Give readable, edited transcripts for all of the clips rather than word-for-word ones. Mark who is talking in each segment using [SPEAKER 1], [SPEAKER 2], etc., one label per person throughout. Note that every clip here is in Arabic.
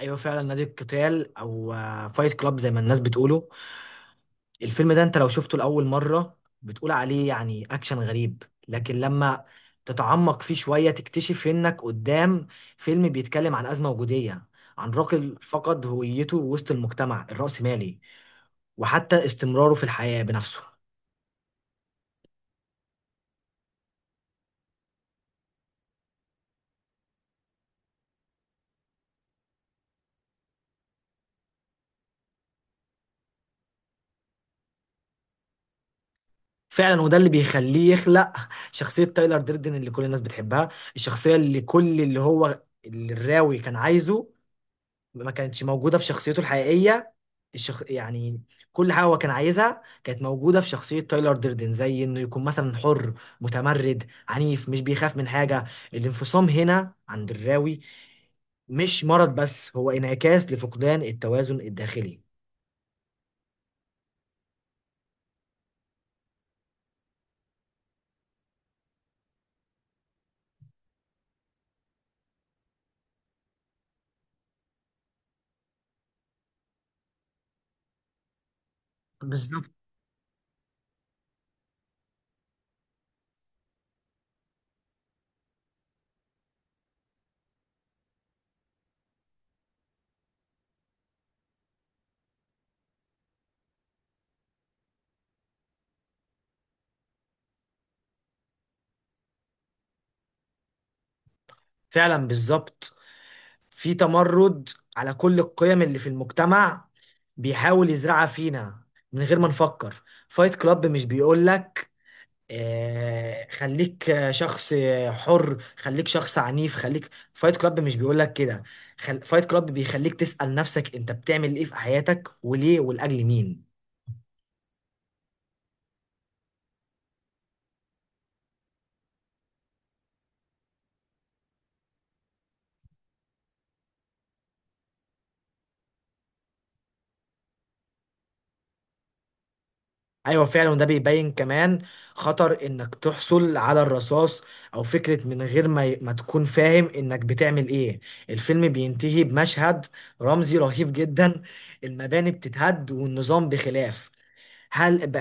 [SPEAKER 1] ايوه، فعلا. نادي القتال او فايت كلاب زي ما الناس بتقوله. الفيلم ده انت لو شفته لاول مره بتقول عليه يعني اكشن غريب، لكن لما تتعمق فيه شويه تكتشف انك قدام فيلم بيتكلم عن ازمه وجوديه، عن راجل فقد هويته وسط المجتمع الرأسمالي وحتى استمراره في الحياه بنفسه. فعلا، وده اللي بيخليه يخلق شخصيه تايلر ديردن اللي كل الناس بتحبها. الشخصيه اللي كل اللي الراوي كان عايزه ما كانتش موجودة في شخصيته الحقيقية. يعني كل حاجة هو كان عايزها كانت موجودة في شخصية تايلر ديردن، زي إنه يكون مثلا حر، متمرد، عنيف، مش بيخاف من حاجة. الانفصام هنا عند الراوي مش مرض، بس هو انعكاس لفقدان التوازن الداخلي. بالظبط. فعلا بالظبط، في تمرد على كل القيم اللي في المجتمع بيحاول يزرعها فينا من غير ما نفكر. فايت كلاب مش بيقولك خليك شخص حر، خليك شخص عنيف، خليك، فايت كلاب مش بيقول لك كده. فايت كلاب بيخليك تسأل نفسك انت بتعمل ايه في حياتك وليه ولأجل مين؟ ايوه فعلا، وده بيبين كمان خطر انك تحصل على الرصاص او فكرة من غير ما ما تكون فاهم انك بتعمل ايه. الفيلم بينتهي بمشهد رمزي رهيب جدا، المباني بتتهد والنظام بخلاف. هل ب...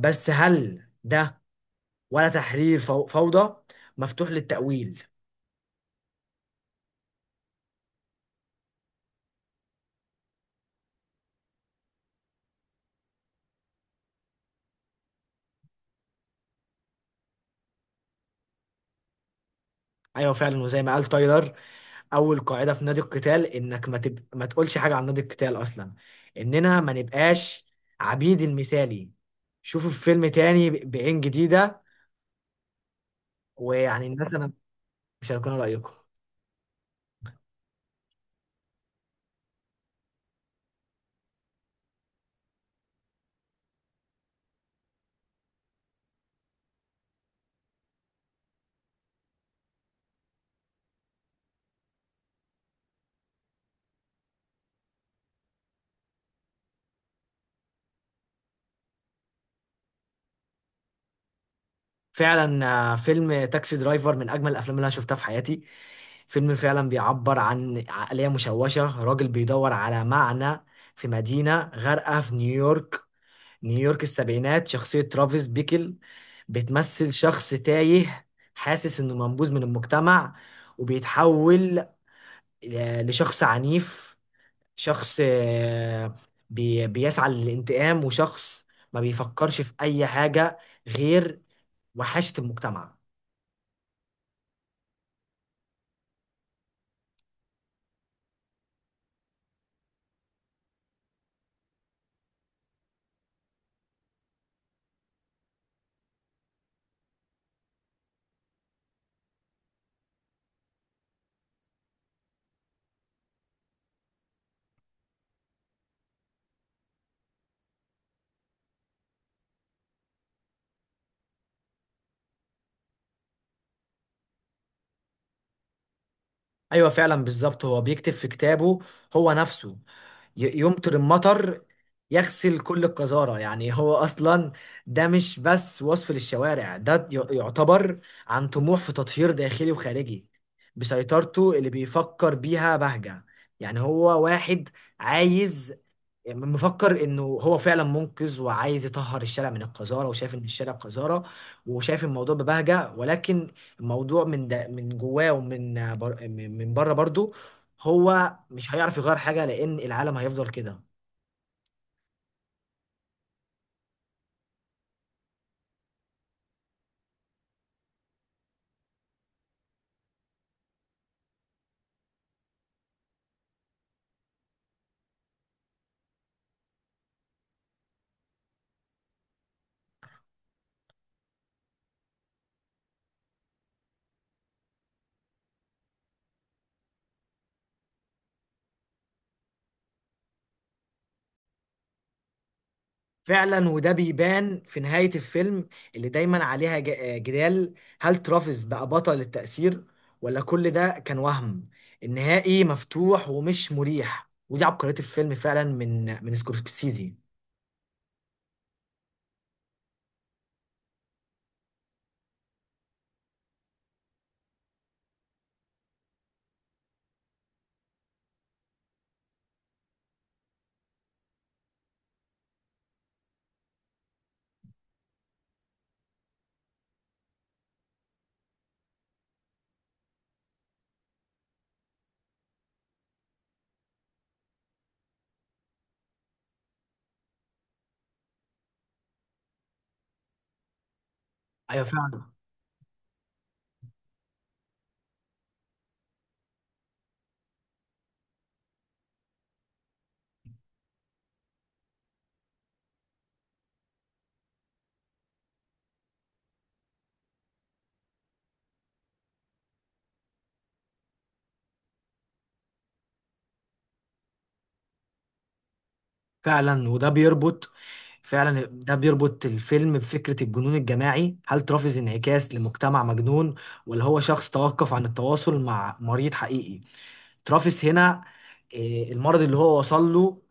[SPEAKER 1] بس هل ده ولا تحرير فوضى؟ مفتوح للتأويل. ايوه فعلا، وزي ما قال تايلر، اول قاعده في نادي القتال انك ما تقولش حاجه عن نادي القتال اصلا، اننا ما نبقاش عبيد المثالي. شوفوا الفيلم تاني بعين جديده. ويعني الناس انا مش هيكون رايكم. فعلا، فيلم تاكسي درايفر من اجمل الافلام اللي انا شفتها في حياتي. فيلم فعلا بيعبر عن عقليه مشوشه، راجل بيدور على معنى في مدينه غارقه في نيويورك، نيويورك السبعينات. شخصية ترافيس بيكل بتمثل شخص تايه، حاسس إنه منبوذ من المجتمع، وبيتحول لشخص عنيف، شخص بيسعى للانتقام، وشخص ما بيفكرش في أي حاجة غير وحشة المجتمع. ايوه فعلا بالظبط، هو بيكتب في كتابه هو نفسه: يمطر المطر يغسل كل القذارة. يعني هو أصلا ده مش بس وصف للشوارع، ده يعتبر عن طموح في تطهير داخلي وخارجي. بسيطرته اللي بيفكر بيها بهجة، يعني هو واحد عايز، مفكر انه هو فعلا منقذ وعايز يطهر الشارع من القذاره، وشايف ان الشارع قذاره، وشايف الموضوع ببهجه. ولكن الموضوع من ده من جواه، ومن بر من من بره برضو، هو مش هيعرف يغير حاجه لان العالم هيفضل كده. فعلا، وده بيبان في نهايه الفيلم اللي دايما عليها جدال. هل ترافيس بقى بطل التأثير ولا كل ده كان وهم؟ النهائي مفتوح ومش مريح، ودي عبقريه الفيلم فعلا من سكورسيزي. ايوه فعلا، فعلا وده بيربط فعلا ده بيربط الفيلم بفكرة الجنون الجماعي. هل ترافز انعكاس لمجتمع مجنون ولا هو شخص توقف عن التواصل مع مريض حقيقي؟ ترافز هنا، المرض اللي هو وصل له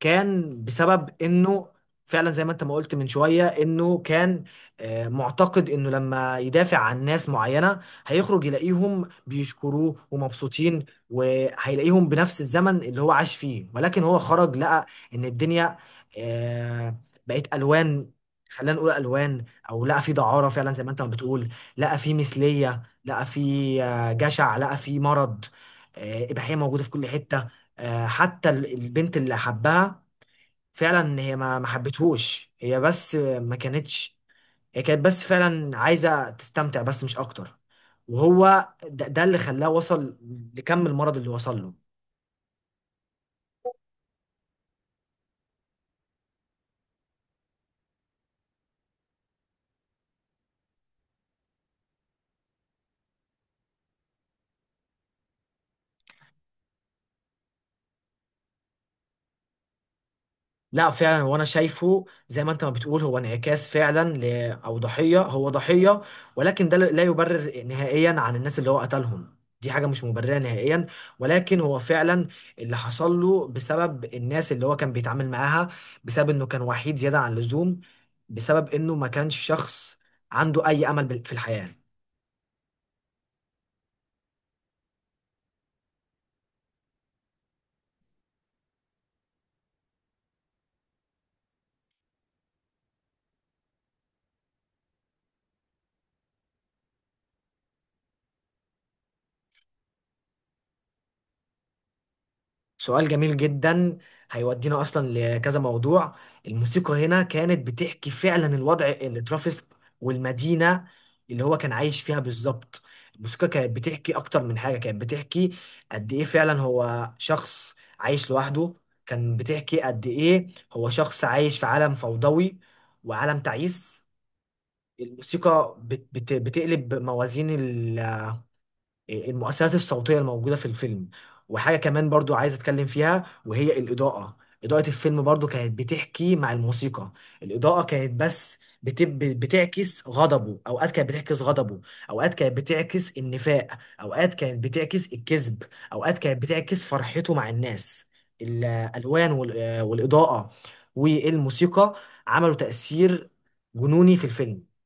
[SPEAKER 1] كان بسبب انه فعلا زي ما انت ما قلت من شوية، انه كان معتقد انه لما يدافع عن ناس معينة هيخرج يلاقيهم بيشكروه ومبسوطين، وهيلاقيهم بنفس الزمن اللي هو عاش فيه، ولكن هو خرج لقى ان الدنيا آه، بقت الوان. خلينا نقول الوان، او لقى في دعارة فعلا زي ما انت ما بتقول، لقى في مثلية، لقى في جشع، لقى في مرض، إباحية موجودة في كل حتة. آه، حتى البنت اللي حبها، فعلا هي ما حبتهوش، هي بس ما كانتش، هي كانت بس فعلا عايزة تستمتع، بس مش أكتر. وهو ده اللي خلاه وصل لكم المرض اللي وصل له. لا، فعلا وانا شايفه زي ما انت ما بتقول هو انعكاس فعلا او ضحية، هو ضحية، ولكن ده لا يبرر نهائيا عن الناس اللي هو قتلهم، دي حاجة مش مبررة نهائيا. ولكن هو فعلا اللي حصل له بسبب الناس اللي هو كان بيتعامل معاها، بسبب انه كان وحيد زيادة عن اللزوم، بسبب انه ما كانش شخص عنده اي امل في الحياة. سؤال جميل جدا، هيودينا اصلا لكذا موضوع. الموسيقى هنا كانت بتحكي فعلا الوضع اللي ترافيس والمدينة اللي هو كان عايش فيها بالظبط. الموسيقى كانت بتحكي اكتر من حاجة، كانت بتحكي قد ايه فعلا هو شخص عايش لوحده، كان بتحكي قد ايه هو شخص عايش في عالم فوضوي وعالم تعيس. الموسيقى بت بت بتقلب موازين المؤثرات الصوتية الموجودة في الفيلم. وحاجة كمان برضو عايز أتكلم فيها وهي الإضاءة. إضاءة الفيلم برضو كانت بتحكي مع الموسيقى. الإضاءة كانت بس بتعكس غضبه، أوقات كانت بتعكس غضبه، أوقات كانت بتعكس النفاق، أوقات كانت بتعكس الكذب، أوقات كانت بتعكس فرحته مع الناس. الألوان والإضاءة والموسيقى عملوا تأثير جنوني في الفيلم.